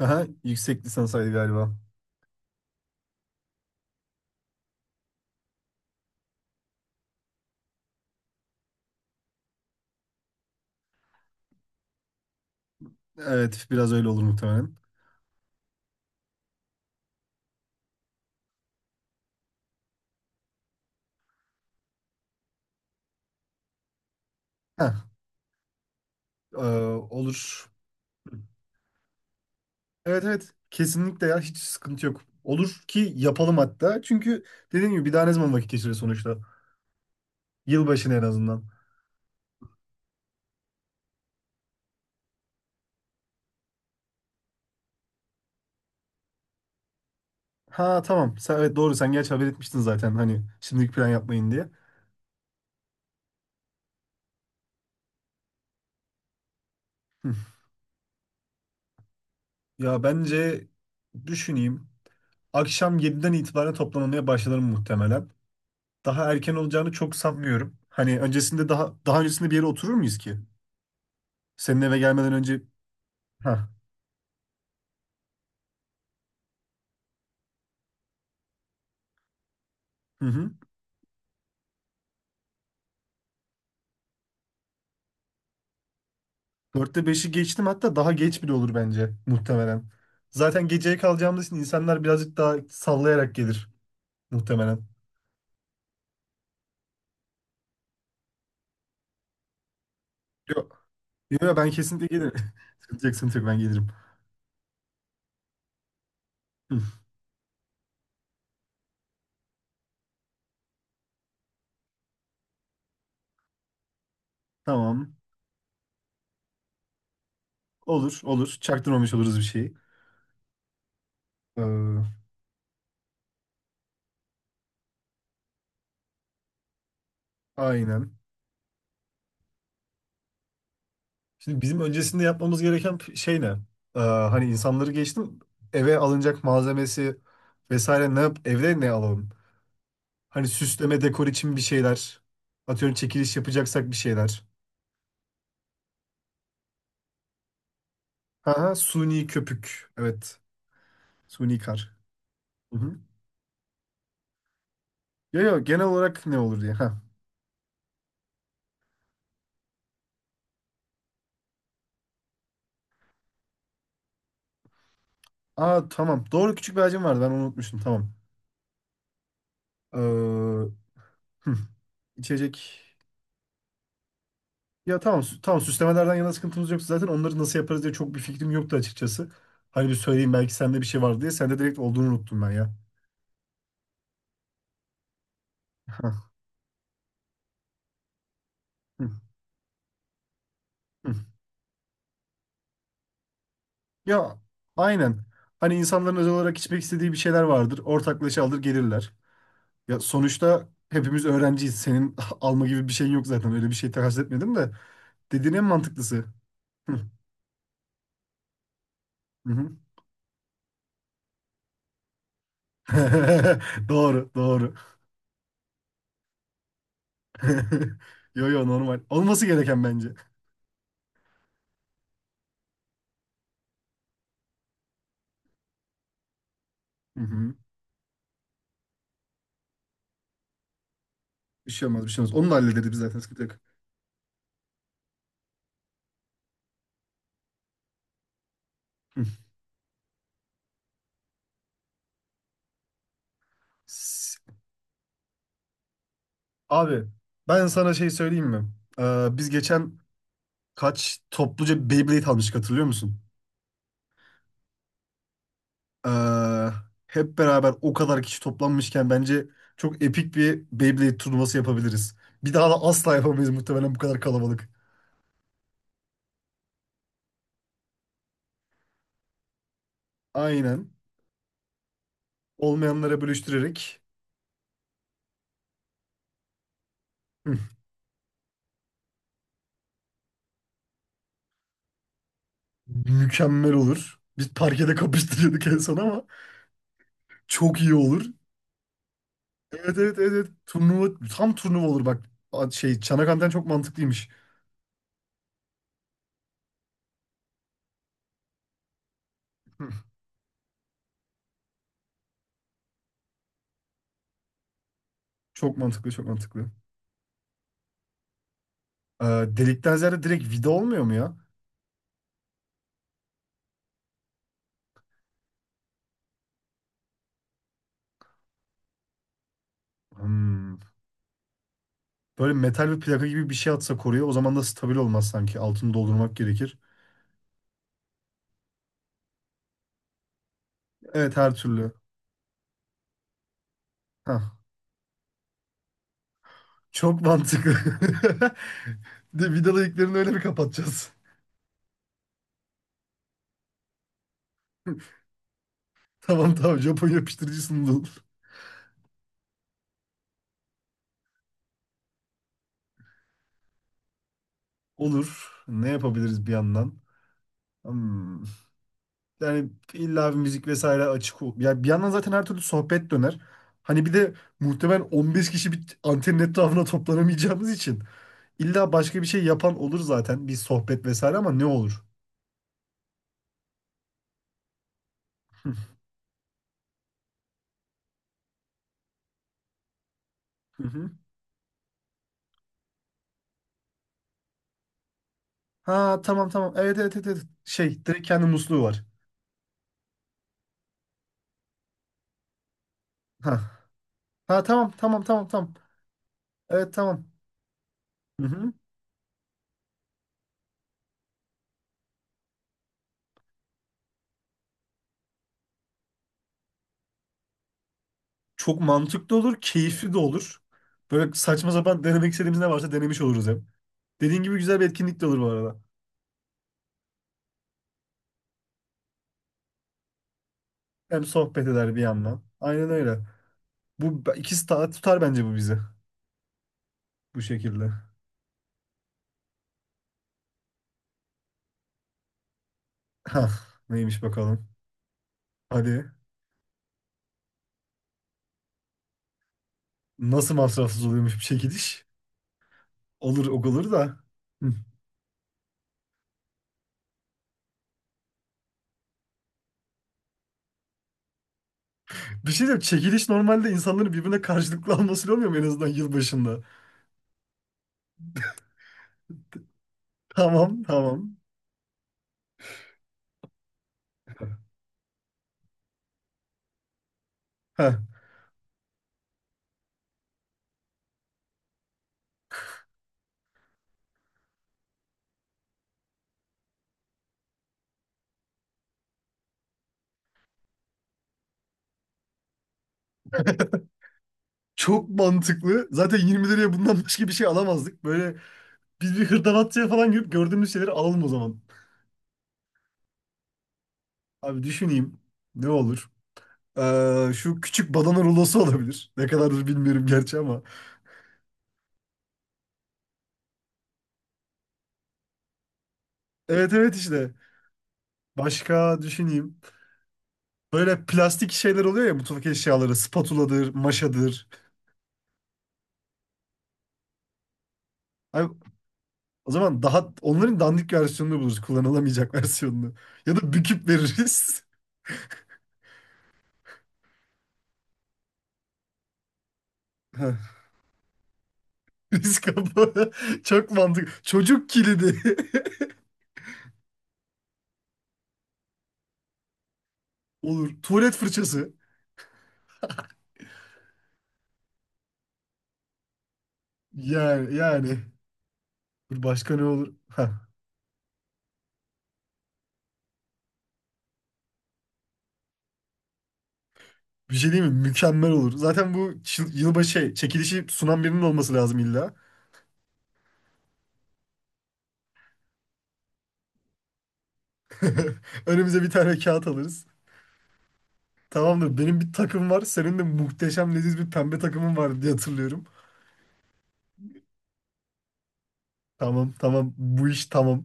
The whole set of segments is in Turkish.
Aha, yüksek lisansaydı galiba. Evet, biraz öyle olur muhtemelen. Heh, e, olur. Evet evet, kesinlikle ya hiç sıkıntı yok. Olur ki yapalım hatta. Çünkü dediğim gibi bir daha ne zaman vakit geçiriyor sonuçta. Yılbaşını en azından. Ha tamam. Evet doğru sen gerçi haber etmiştin zaten hani şimdilik plan yapmayın diye. Hı. Ya bence düşüneyim. Akşam yediden itibaren toplanmaya başlarım muhtemelen. Daha erken olacağını çok sanmıyorum. Hani öncesinde daha öncesinde bir yere oturur muyuz ki? Senin eve gelmeden önce. Ha, hı hı. Dörtte beşi geçtim hatta daha geç bile olur bence muhtemelen. Zaten geceye kalacağımız için insanlar birazcık daha sallayarak gelir muhtemelen. Yok. Yok, ben kesinlikle gelirim. Sıkıntı yok, sıkıntı yok, ben gelirim. Hı, tamam. Olur olur. Çaktırmamış oluruz bir şeyi. Ee, aynen. Şimdi bizim öncesinde yapmamız gereken şey ne? Hani insanları geçtim. Eve alınacak malzemesi vesaire ne yap? Evde ne alalım? Hani süsleme, dekor için bir şeyler. Atıyorum çekiliş yapacaksak bir şeyler. Ha ha, suni köpük. Evet. Suni kar. Hı hı. Yo yo, genel olarak ne olur diye. Ha. Aa, tamam. Doğru, küçük bir hacim vardı. Ben onu unutmuştum. Tamam. Ee, hı, içecek. Ya tamam, tamam süslemelerden yana sıkıntımız yok zaten. Onları nasıl yaparız diye çok bir fikrim yoktu açıkçası. Hani bir söyleyeyim belki sende bir şey var diye. Sende direkt olduğunu unuttum ben ya. Hah, hı, hı. Ya aynen. Hani insanların özel olarak içmek istediği bir şeyler vardır. Ortaklaşa alır gelirler. Ya sonuçta hepimiz öğrenciyiz. Senin alma gibi bir şeyin yok zaten. Öyle bir şey takas etmedim de. Dediğin en mantıklısı. Hı, hı hı. Doğru, doğru. Yo yo, normal. Olması gereken bence. Hı hı. Bir şey olmaz, bir şey olmaz. Onu da hallederiz biz zaten. Sıkıntı yok. Hı. S- Abi ben sana şey söyleyeyim mi? Biz geçen kaç topluca Beyblade almıştık hatırlıyor musun? Ee, hep beraber o kadar kişi toplanmışken bence çok epik bir Beyblade turnuvası yapabiliriz. Bir daha da asla yapamayız muhtemelen bu kadar kalabalık. Aynen. Olmayanlara bölüştürerek hı, mükemmel olur. Biz parkede kapıştırıyorduk en son ama çok iyi olur. Evet evet evet. Evet. Turnuva tam turnuva olur bak. Şey çanak anten çok mantıklıymış. Hı. Çok mantıklı, çok mantıklı. Ee, delikten ziyade direkt vida olmuyor mu ya? Hmm. Böyle metal bir plaka gibi bir şey atsa koruya o zaman da stabil olmaz sanki. Altını doldurmak gerekir. Evet, her türlü. Hah. Çok mantıklı. De vidalı iliklerini öyle mi kapatacağız? Tamam tamam, Japon yapıştırıcı sundu. Olur. Ne yapabiliriz bir yandan? Hmm. Yani illa bir müzik vesaire açık ol. Ya bir yandan zaten her türlü sohbet döner. Hani bir de muhtemelen 15 kişi bir antenin etrafına toplanamayacağımız için illa başka bir şey yapan olur zaten. Bir sohbet vesaire, ama ne olur? Hı hı. Ha tamam tamam. Evet evet evet. Evet. Şey, direkt kendi musluğu var. Ha. Ha tamam tamam tamam tamam. Evet, tamam. Hı hı. Çok mantıklı olur, keyifli de olur. Böyle saçma sapan denemek istediğimiz ne varsa denemiş oluruz hem. Dediğin gibi güzel bir etkinlik de olur bu arada. Hem sohbet eder bir yandan. Aynen öyle. Bu ikisi tutar bence bu bizi. Bu şekilde. Hah, neymiş bakalım. Hadi. Nasıl masrafsız oluyormuş bir çekiliş? Olur olur da. Hı. Bir şey diyeyim. Çekiliş normalde insanların birbirine karşılıklı alması olmuyor mu en azından yılbaşında? Tamam tamam. Heh. Çok mantıklı. Zaten 20 liraya bundan başka bir şey alamazdık. Böyle biz bir hırdavatçıya falan girip gördüğümüz şeyleri alalım o zaman. Abi düşüneyim. Ne olur? Şu küçük badana rulosu olabilir. Ne kadardır bilmiyorum gerçi ama. Evet evet işte. Başka düşüneyim. Böyle plastik şeyler oluyor ya, mutfak eşyaları. Spatuladır, maşadır. Ay, o zaman daha onların dandik versiyonunu buluruz. Kullanılamayacak versiyonunu. Ya da büküp veririz. Heh, risk kapağı. Çok mantıklı. Çocuk kilidi. Olur. Tuvalet fırçası. Yani yani. Dur, başka ne olur? Heh. Bir şey değil mi? Mükemmel olur. Zaten bu yılbaşı şey, çekilişi sunan birinin olması lazım illa. Önümüze bir tane kağıt alırız. Tamamdır. Benim bir takım var. Senin de muhteşem leziz bir pembe takımın var diye hatırlıyorum. Tamam, tamam. Bu iş tamam.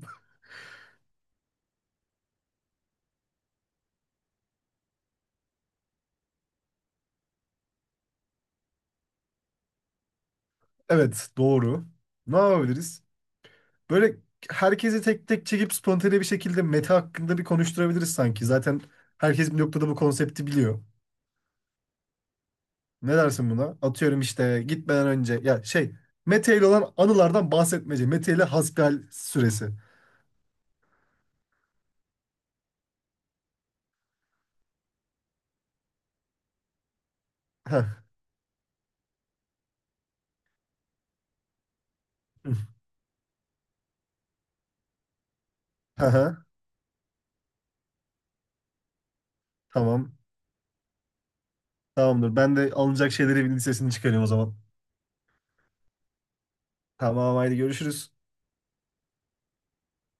Evet, doğru. Ne yapabiliriz? Böyle herkesi tek tek çekip spontane bir şekilde meta hakkında bir konuşturabiliriz sanki. Zaten herkes bir noktada bu konsepti biliyor. Ne dersin buna? Atıyorum işte gitmeden önce ya şey, Mete ile olan anılardan bahsetmece. Mete ile hasbihal süresi. Heh. Aha, tamam. Tamamdır. Ben de alınacak şeyleri bir listesini çıkarıyorum o zaman. Tamam, haydi görüşürüz.